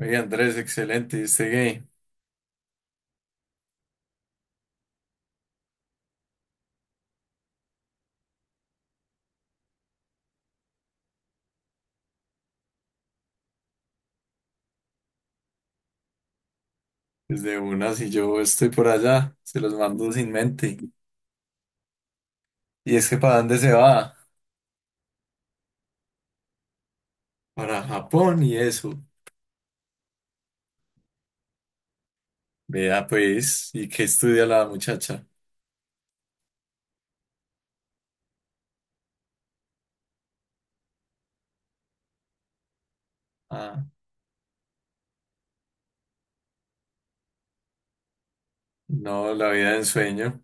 Oye, Andrés, excelente, este gay. Desde una, si yo estoy por allá, se los mando sin mente. Y es que ¿para dónde se va? Para Japón y eso. Vea, pues, ¿y qué estudia la muchacha? Ah, no, la vida de ensueño.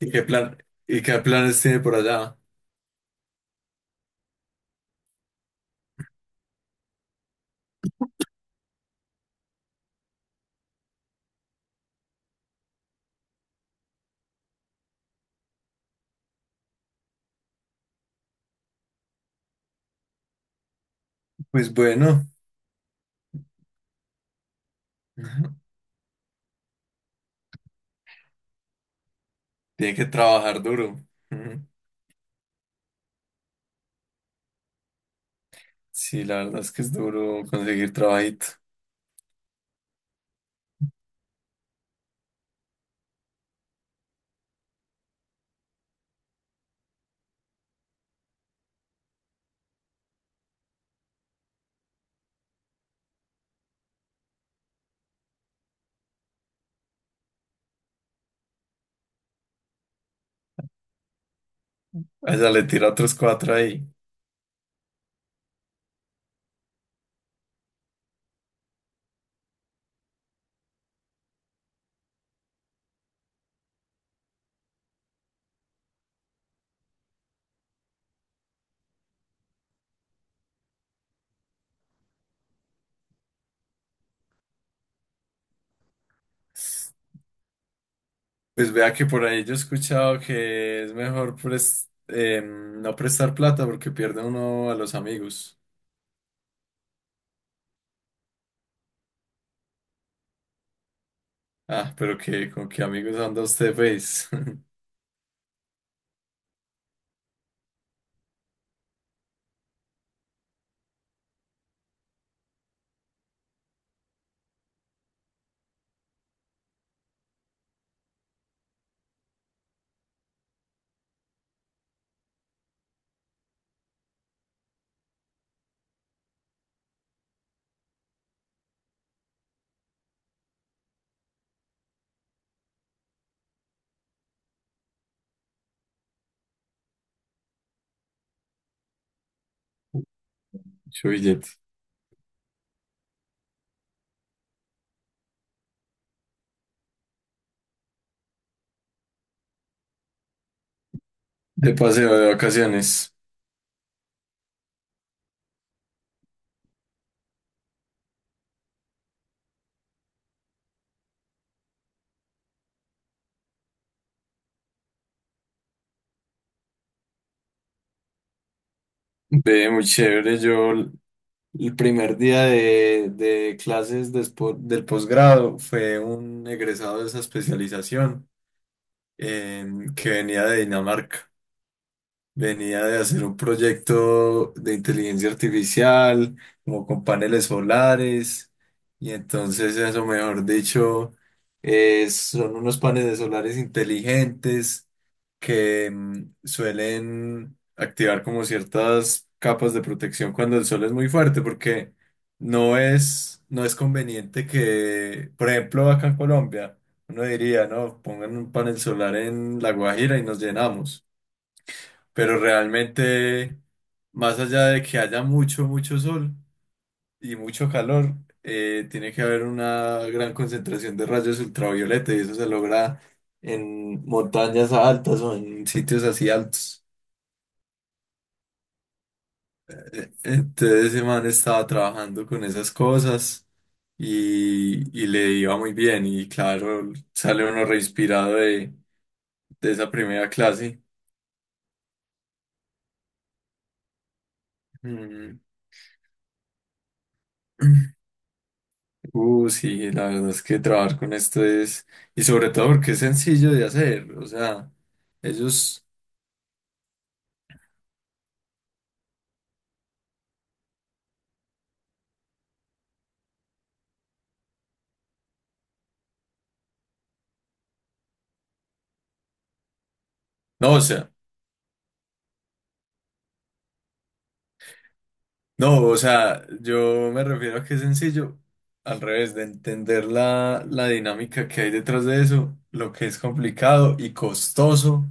¿Y qué planes tiene por allá? Pues bueno, tiene que trabajar duro. Ujú. Sí, la verdad es que es duro conseguir trabajito. Allá le tira otros cuatro ahí. Pues vea que por ahí yo he escuchado que es mejor no prestar plata porque pierde uno a los amigos. Ah, pero que con qué amigos anda usted, pues. Mucho billete. De paseo de vacaciones. Ve, muy chévere. El primer día de del posgrado fue un egresado de esa especialización que venía de Dinamarca. Venía de hacer un proyecto de inteligencia artificial, como con paneles solares, y entonces eso, mejor dicho, son unos paneles solares inteligentes que suelen activar como ciertas capas de protección cuando el sol es muy fuerte, porque no es conveniente que, por ejemplo, acá en Colombia, uno diría, no, pongan un panel solar en La Guajira y nos llenamos, pero realmente, más allá de que haya mucho, mucho sol y mucho calor, tiene que haber una gran concentración de rayos ultravioleta y eso se logra en montañas altas o en sitios así altos. Entonces ese man estaba trabajando con esas cosas y le iba muy bien y claro, sale uno reinspirado de esa primera clase. Mm. Sí, la verdad es que trabajar con esto es, y sobre todo porque es sencillo de hacer, o sea, ellos, no, o sea, no, o sea, yo me refiero a que es sencillo, al revés, de entender la, la dinámica que hay detrás de eso, lo que es complicado y costoso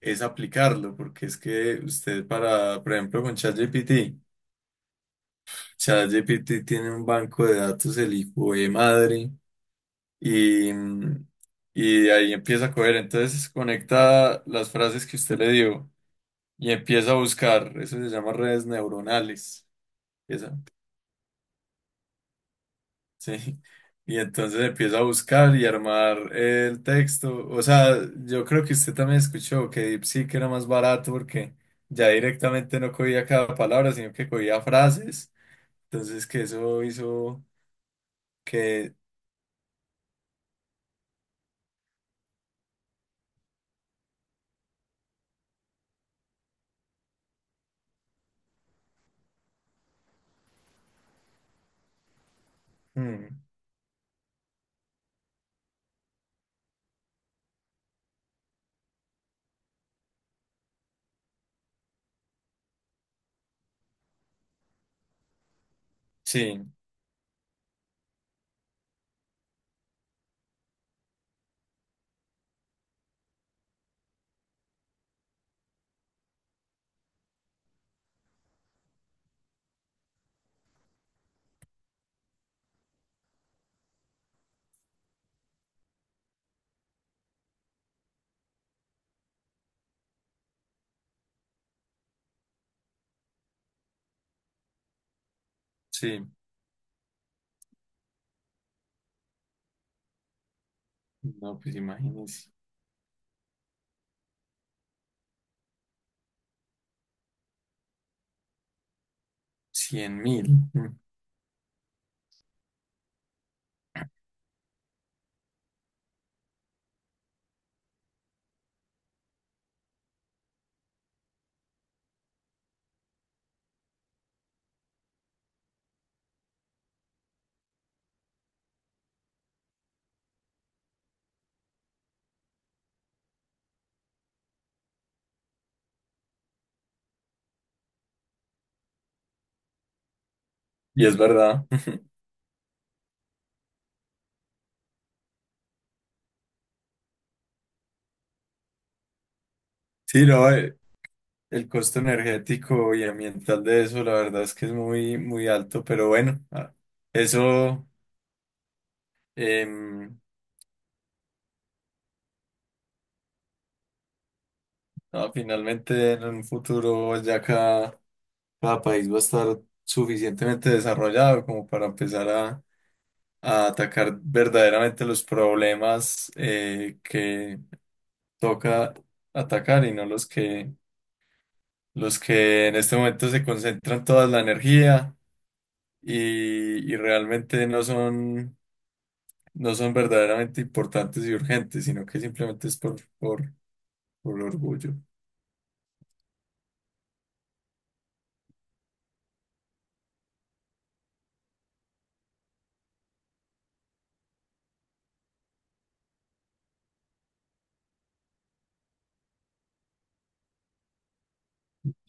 es aplicarlo, porque es que usted para, por ejemplo, con ChatGPT, ChatGPT tiene un banco de datos, el hijo de madre y, y ahí empieza a coger. Entonces conecta las frases que usted le dio y empieza a buscar. Eso se llama redes neuronales. Esa, sí. Y entonces empieza a buscar y armar el texto. O sea, yo creo que usted también escuchó que DeepSeek era más barato porque ya directamente no cogía cada palabra, sino que cogía frases. Entonces que eso hizo que... Mm, sí, sí. No, pues imagínese. 100.000. Mm. Y es verdad. Sí, no, el costo energético y ambiental de eso, la verdad es que es muy, muy alto, pero bueno, ah, eso em, no, finalmente en un futuro ya cada país va a estar suficientemente desarrollado como para empezar a atacar verdaderamente los problemas que toca atacar y no los que en este momento se concentran toda la energía. Y, y realmente no son verdaderamente importantes y urgentes, sino que simplemente es por orgullo.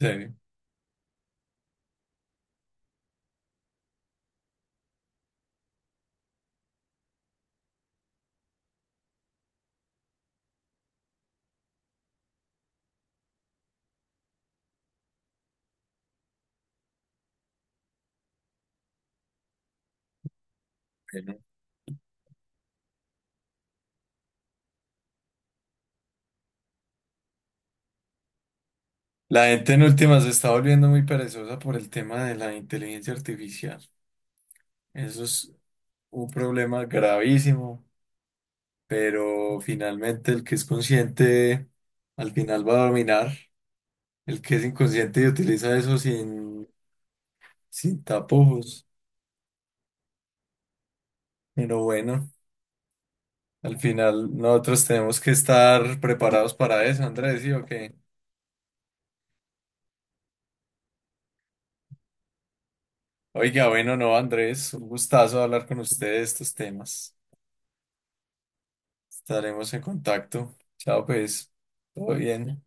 Sí, bueno. La gente en últimas se está volviendo muy perezosa por el tema de la inteligencia artificial. Eso es un problema gravísimo, pero finalmente el que es consciente al final va a dominar. El que es inconsciente y utiliza eso sin, sin tapujos. Pero bueno. Al final, nosotros tenemos que estar preparados para eso, Andrés, ¿sí o qué? Oiga, bueno, no, Andrés, un gustazo hablar con ustedes de estos temas. Estaremos en contacto. Chao, pues. Todo bien.